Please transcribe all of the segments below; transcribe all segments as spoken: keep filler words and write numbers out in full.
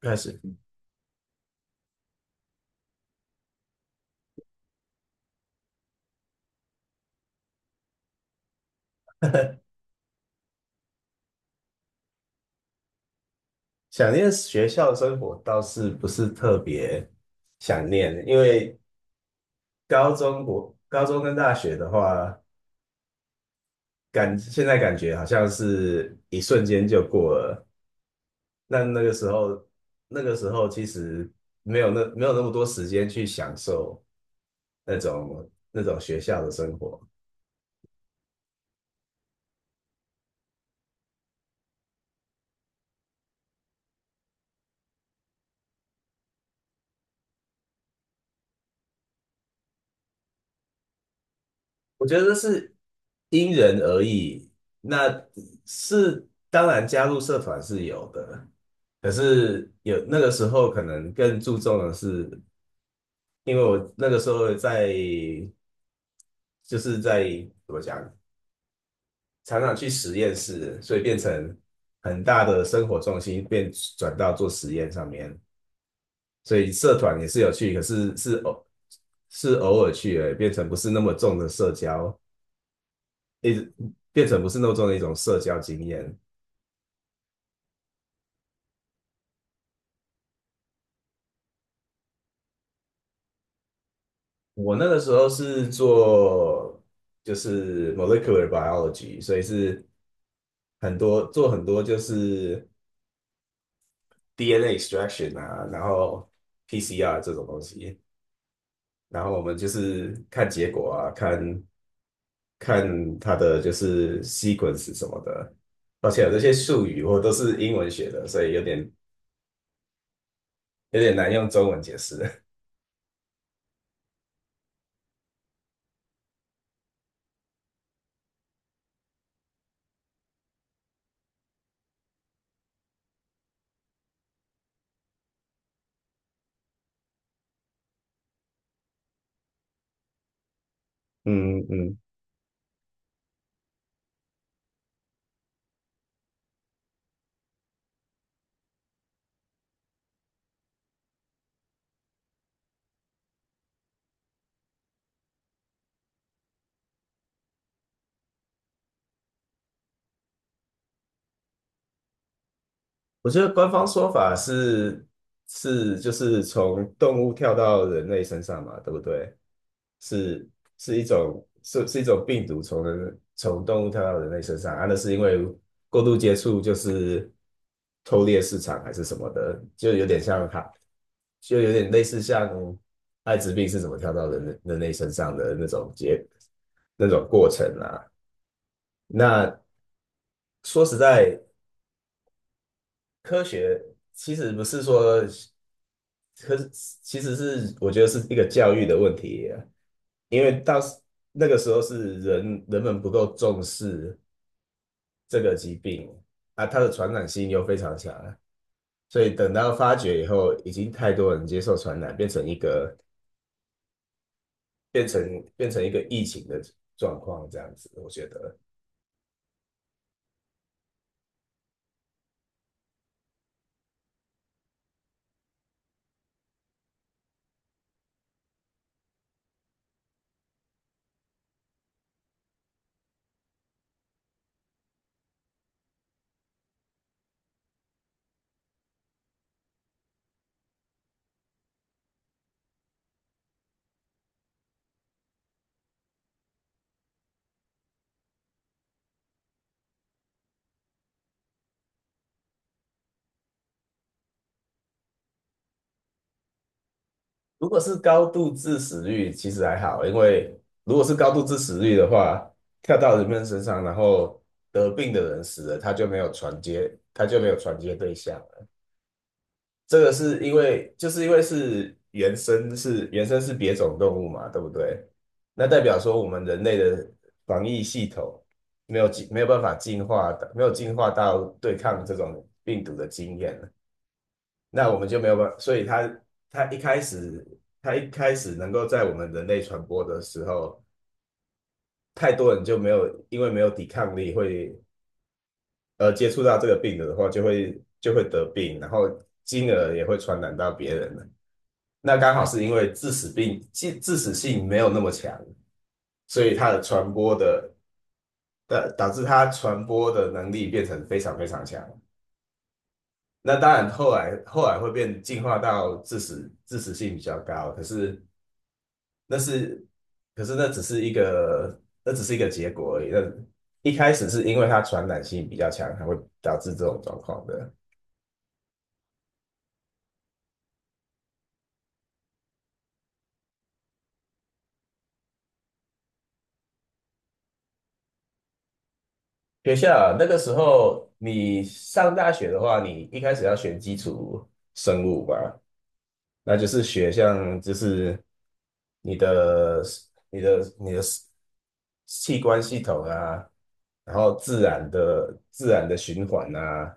开始。想念学校生活倒是不是特别想念，因为高中国高中跟大学的话，感现在感觉好像是一瞬间就过了。那那个时候，那个时候其实没有那没有那么多时间去享受那种那种学校的生活。我觉得是因人而异。那是，当然加入社团是有的，可是有那个时候可能更注重的是，因为我那个时候在就是在怎么讲，常常去实验室，所以变成很大的生活重心变转到做实验上面，所以社团也是有趣，可是是偶是偶尔去而已，变成不是那么重的社交，一直变成不是那么重的一种社交经验。我那个时候是做就是 molecular biology，所以是很多做很多就是 D N A extraction 啊，然后 P C R 这种东西，然后我们就是看结果啊，看看它的就是 sequence 什么的，而且有这些术语我都是英文学的，所以有点有点难用中文解释。嗯嗯我觉得官方说法是是就是从动物跳到人类身上嘛，对不对？是是一种是是一种病毒从人从动物跳到人类身上啊，那是因为过度接触就是偷猎市场还是什么的，就有点像它，就有点类似像艾滋病是怎么跳到人人类身上的那种结那种过程啊。那说实在，科学其实不是说。可是其实是我觉得是一个教育的问题啊。因为到时那个时候是人人们不够重视这个疾病啊，它的传染性又非常强，所以等到发觉以后，已经太多人接受传染，变成一个变成变成一个疫情的状况这样子，我觉得。如果是高度致死率，其实还好，因为如果是高度致死率的话，跳到人们身上，然后得病的人死了，他就没有传接，他就没有传接对象了。这个是因为，就是因为是原生是原生是别种动物嘛，对不对？那代表说我们人类的防疫系统没有进，没有办法进化的，没有进化到对抗这种病毒的经验。那我们就没有办法，所以它它一开始它一开始能够在我们人类传播的时候，太多人就没有因为没有抵抗力会呃接触到这个病毒的话，就会就会得病，然后进而也会传染到别人了。那刚好是因为致死病致致死性没有那么强，所以它的传播的的导致它传播的能力变成非常非常强。那当然后来后来会变进化到致死致死性比较高，可是。那是，可是那只是一个，那只是一个结果而已。那一开始是因为它传染性比较强，才会导致这种状况的。学校啊那个时候，你上大学的话，你一开始要选基础生物吧，那就是学像就是你的你的你的器官系统啊，然后自然的自然的循环啊，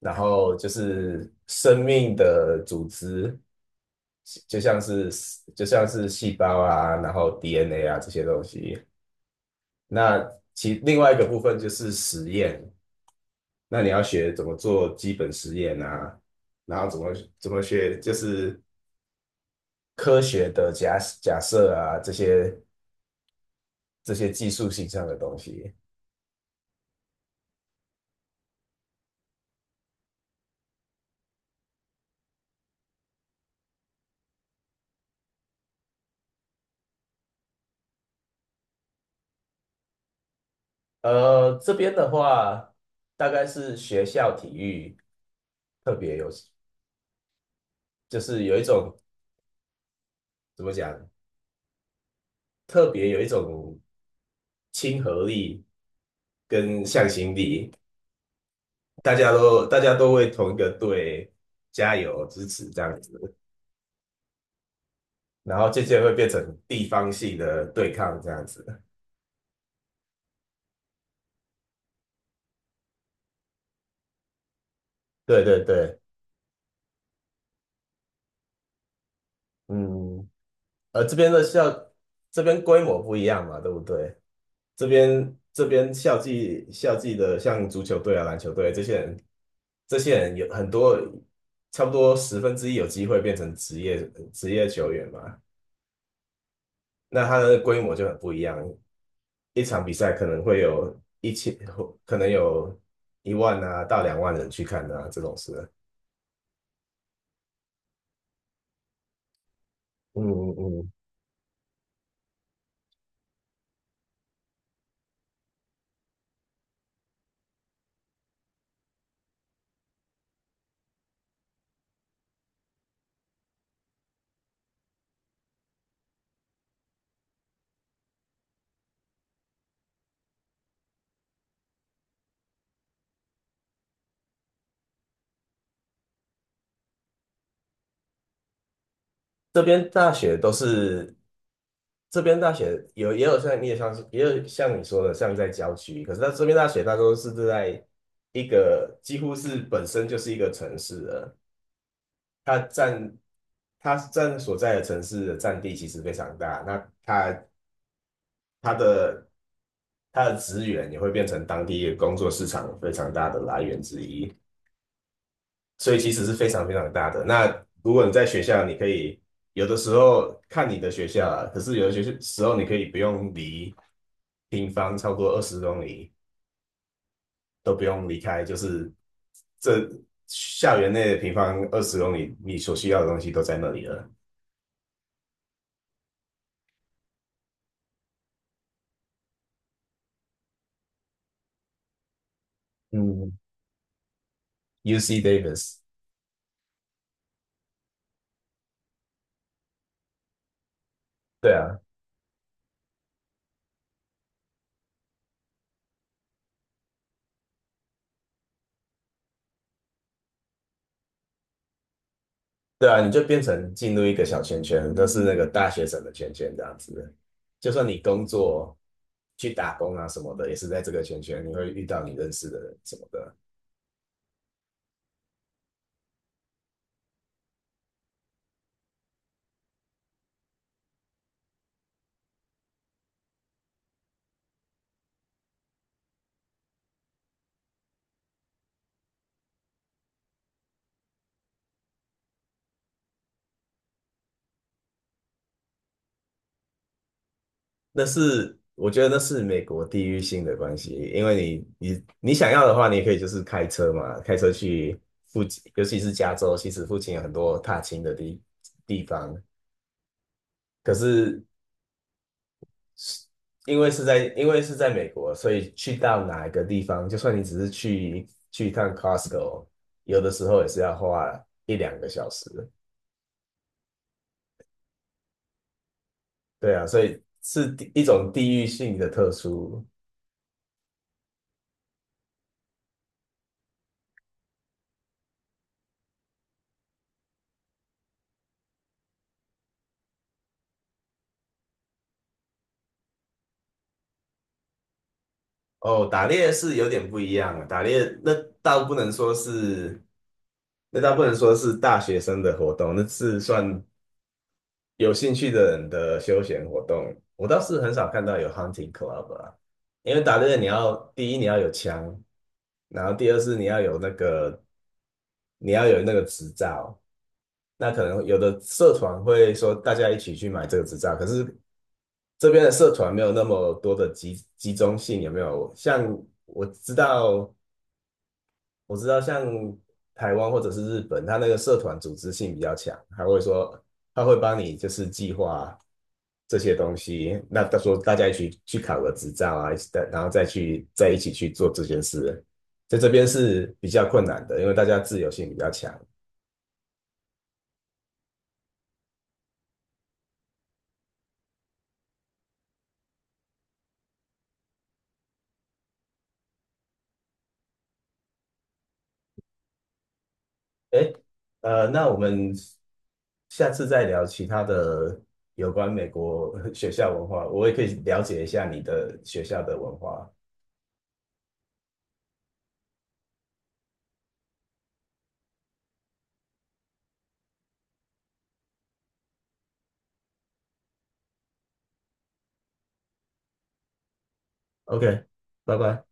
然后就是生命的组织。就像是就像是细胞啊，然后 D N A 啊这些东西。那其另外一个部分就是实验，那你要学怎么做基本实验啊，然后怎么怎么学就是科学的假假设啊，这些这些技术性上的东西。呃，这边的话大概是学校体育特别有，就是有一种怎么讲，特别有一种亲和力跟向心力。大家都大家都为同一个队加油支持这样子，然后渐渐会变成地方性的对抗这样子。对对对，嗯，呃，这边的校这边规模不一样嘛，对不对？这边这边校际校际的像足球队啊、篮球队这些人，这些人有很多，差不多十分之一有机会变成职业职业球员嘛。那它的规模就很不一样。一场比赛可能会有一千，可能有一万啊到两万人去看啊，这种事。嗯嗯嗯，这边大学都是，这边大学有也有像你也像是也有像你说的像在郊区，可是它这边大学它都是在一个几乎是本身就是一个城市了，它占它占所在的城市的占地其实非常大，那它它的它的资源也会变成当地工作市场非常大的来源之一，所以其实是非常非常大的。那如果你在学校，你可以有的时候看你的学校啊，可是有的学校时候你可以不用离平方超过二十公里都不用离开，就是这校园内的平方二十公里，你所需要的东西都在那里了。嗯，U C Davis。对啊，对啊，你就变成进入一个小圈圈，都是那个大学生的圈圈这样子。就算你工作去打工啊什么的，也是在这个圈圈，你会遇到你认识的人什么的。那是我觉得那是美国地域性的关系，因为你你你想要的话，你也可以就是开车嘛，开车去附近，尤其是加州，其实附近有很多踏青的地地方。可是是，因为是在因为是在美国，所以去到哪一个地方，就算你只是去去一趟 Costco，有的时候也是要花一两个小时。对啊，所以是地一种地域性的特殊。哦，打猎是有点不一样啊，打猎那倒不能说是，那倒不能说是大学生的活动，那是算有兴趣的人的休闲活动，我倒是很少看到有 hunting club 啊，因为打猎你要第一你要有枪，然后第二是你要有那个你要有那个执照，那可能有的社团会说大家一起去买这个执照，可是这边的社团没有那么多的集集中性，有没有？像我知道我知道像台湾或者是日本，它那个社团组织性比较强，还会说他会帮你就是计划这些东西。那他说大家一起去考个执照啊，然后再去再一起去做这件事，在这边是比较困难的，因为大家自由性比较强。诶，呃，那我们下次再聊其他的有关美国学校文化，我也可以了解一下你的学校的文化。OK，拜拜。